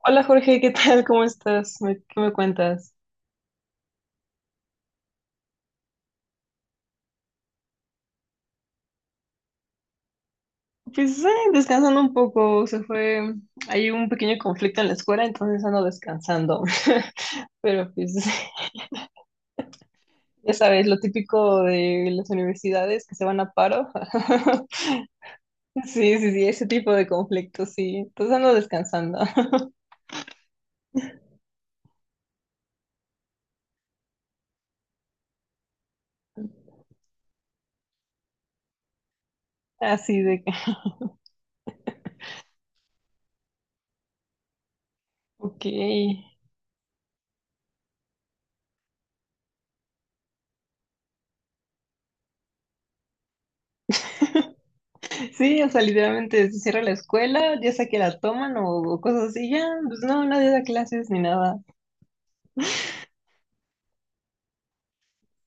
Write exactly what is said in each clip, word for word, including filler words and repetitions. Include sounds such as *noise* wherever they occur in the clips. Hola Jorge, ¿qué tal? ¿Cómo estás? ¿Me- ¿Qué me cuentas? Pues eh, descansando un poco, se fue, hay un pequeño conflicto en la escuela, entonces ando descansando. *laughs* Pero pues *laughs* ya sabes, lo típico de las universidades que se van a paro. *laughs* Sí, sí, sí, ese tipo de conflictos, sí. Entonces ando descansando. *laughs* Así de que, ok. Sí, o sea, literalmente se cierra la escuela, ya sea que la toman o, o cosas así, ya, pues no, nadie da clases ni nada.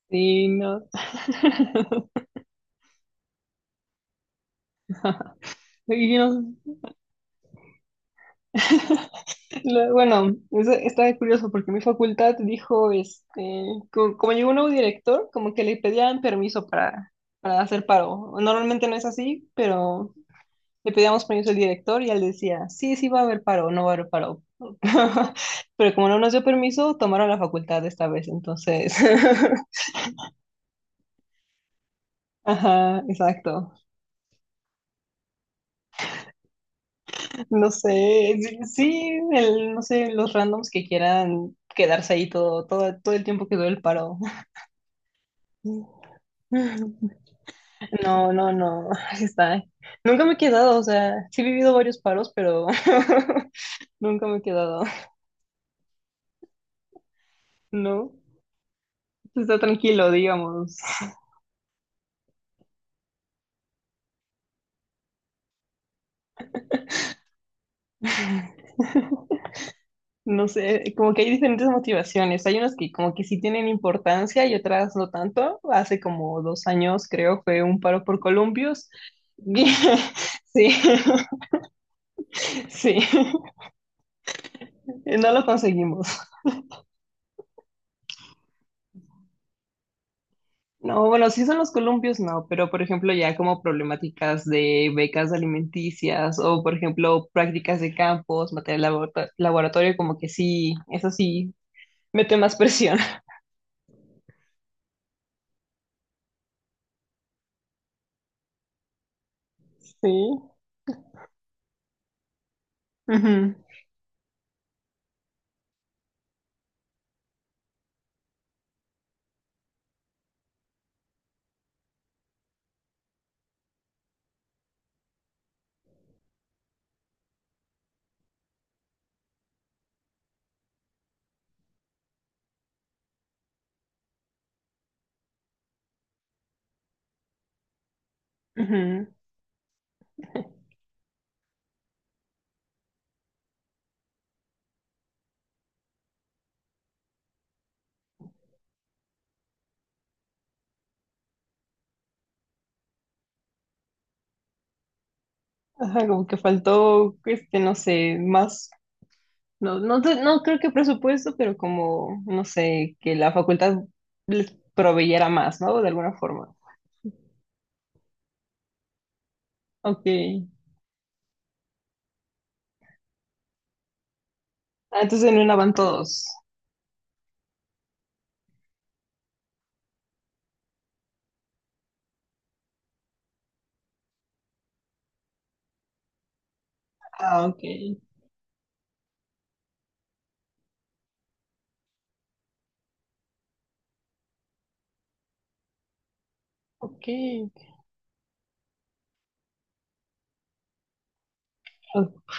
Sí, no. *laughs* *laughs* Y yo no- *laughs* lo- bueno, eso está curioso porque mi facultad dijo, este, co- como, llegó un nuevo director, como que le pedían permiso para, para hacer paro. Normalmente no es así, pero le pedíamos permiso al director y él decía, sí, sí va a haber paro, no va a haber paro. *laughs* Pero como no nos dio permiso, tomaron la facultad esta vez, entonces, *laughs* ajá, exacto. No sé, sí, sí, el, no sé, los randoms que quieran quedarse ahí todo, todo, todo el tiempo que dure el paro. *laughs* No, no, no, *laughs* así está. Nunca me he quedado, o sea, sí he vivido varios paros, pero *laughs* nunca me he quedado, ¿no? Está tranquilo, digamos. No sé, como que hay diferentes motivaciones. Hay unas que como que sí tienen importancia y otras no tanto. Hace como dos años, creo, fue un paro por columpios. *laughs* Sí, sí, no lo conseguimos. No, bueno, sí son los columpios, no, pero por ejemplo ya como problemáticas de becas alimenticias o por ejemplo prácticas de campos, material laborato- laboratorio, como que sí, eso sí, mete más presión. *laughs* Sí. Ujú, ujú. Ajá, como que faltó, este, no sé, más, no, no, sé, no creo que presupuesto, pero como, no sé, que la facultad les proveyera más, ¿no? De alguna forma. Ok. Ah, entonces en una van todos. Ah, ok. Ok. Ok.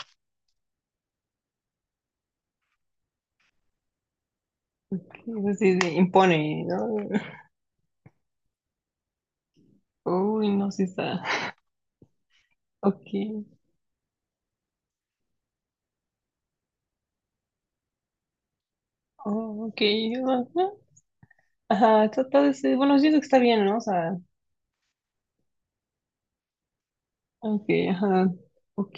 Eso sí se impone, ¿no? Uy, no, sí está. Ok. Oh, ok. Ajá. Ajá, está- está- está- bueno, yo digo que está bien, ¿no? O sea, ok, ajá. Ok.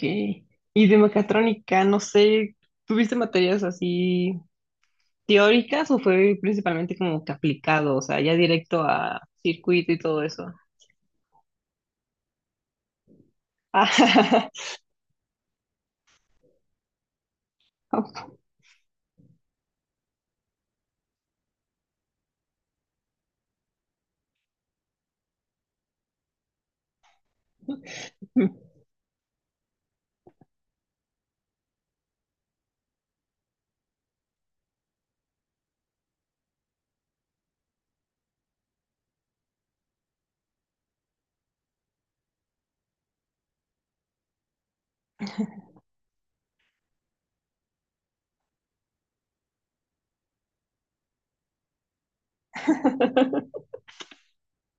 Y de mecatrónica, no sé, ¿tuviste materias así teóricas o fue principalmente como que aplicado? O sea, ya directo a circuito y todo eso. *laughs* Ajá.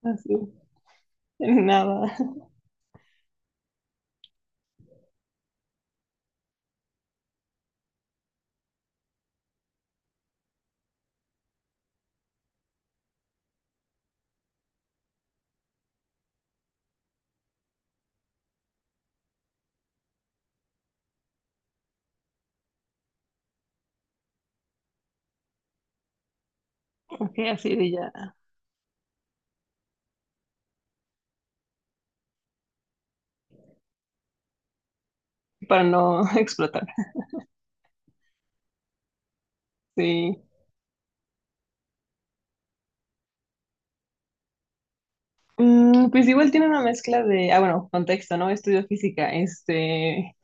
Así, nada. Ok, así de ya, para no *laughs* explotar. Sí. Mm, pues igual tiene una mezcla de, ah, bueno, contexto, ¿no? Estudio física, este,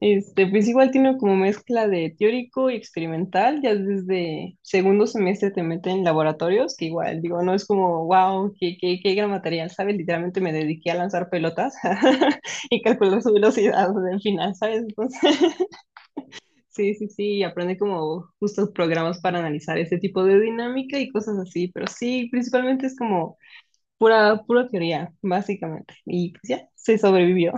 este, pues igual tiene como mezcla de teórico y experimental, ya desde segundo semestre te meten en laboratorios, que igual, digo, no es como, wow, qué, qué, qué gran material, ¿sabes? Literalmente me dediqué a lanzar pelotas *laughs* y calcular su velocidad del final, ¿sabes? Entonces, *laughs* sí, sí, sí, y aprende como justos programas para analizar ese tipo de dinámica y cosas así, pero sí, principalmente es como pura, pura teoría, básicamente. Y pues ya, se sobrevivió.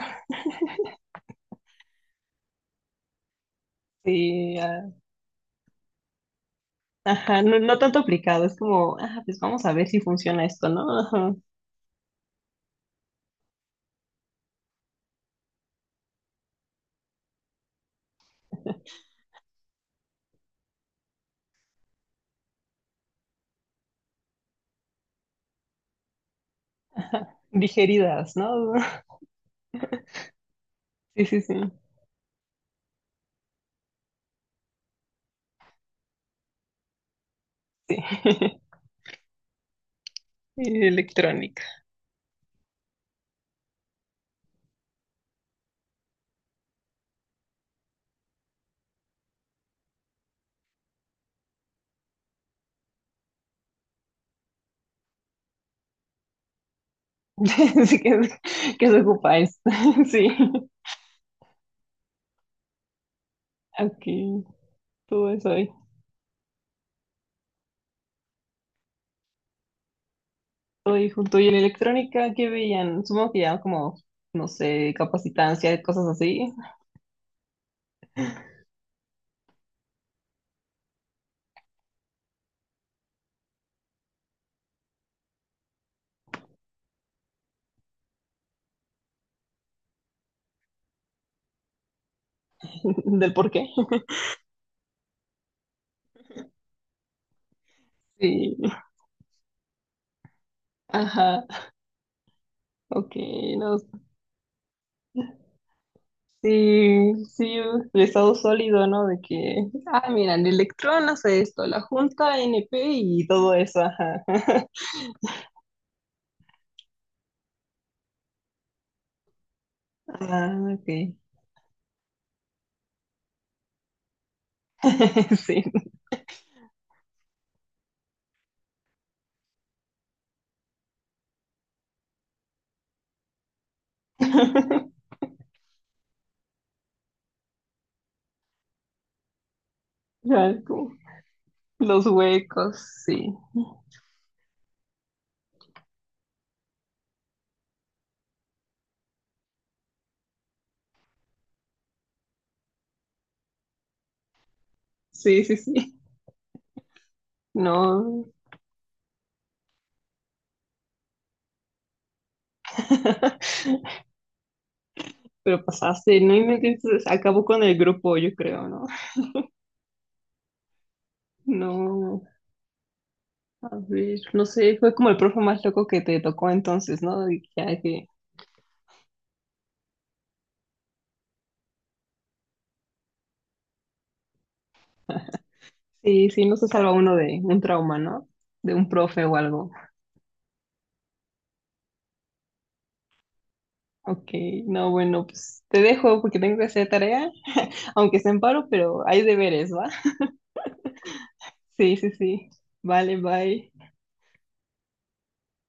Sí, ah, ajá, no, no tanto aplicado, es como, ah, pues vamos a ver si funciona esto, ¿no? Ajá. Digeridas, ¿no? *laughs* Sí, sí, sí, sí. *laughs* Y electrónica. *laughs* Sí, que, que, se ocupa esto. *laughs* Sí, aquí, todo eso ahí. Todo ahí junto. Y en electrónica, ¿qué veían? Supongo que ya como, no sé, capacitancia, cosas así, *laughs* del por qué. *laughs* Sí, ajá, ok, no. Sí, sí, el estado sólido, ¿no? De que, ah, mira, el electrón hace esto, la junta N P y todo eso, ajá. Ah, ok. *laughs* Sí. *laughs* Ya, como los huecos, sí. Sí, sí, sí. No. *laughs* Pero pasaste, no inventes, acabó con el grupo, yo creo, ¿no? No, a ver, no sé, fue como el profe más loco que te tocó entonces, ¿no? De que, sí, sí, no se salva uno de un trauma, ¿no? De un profe o algo. Ok, no, bueno, pues te dejo porque tengo que hacer tarea, *laughs* aunque esté en paro, pero hay deberes, ¿va? Sí, sí, sí. Vale, bye.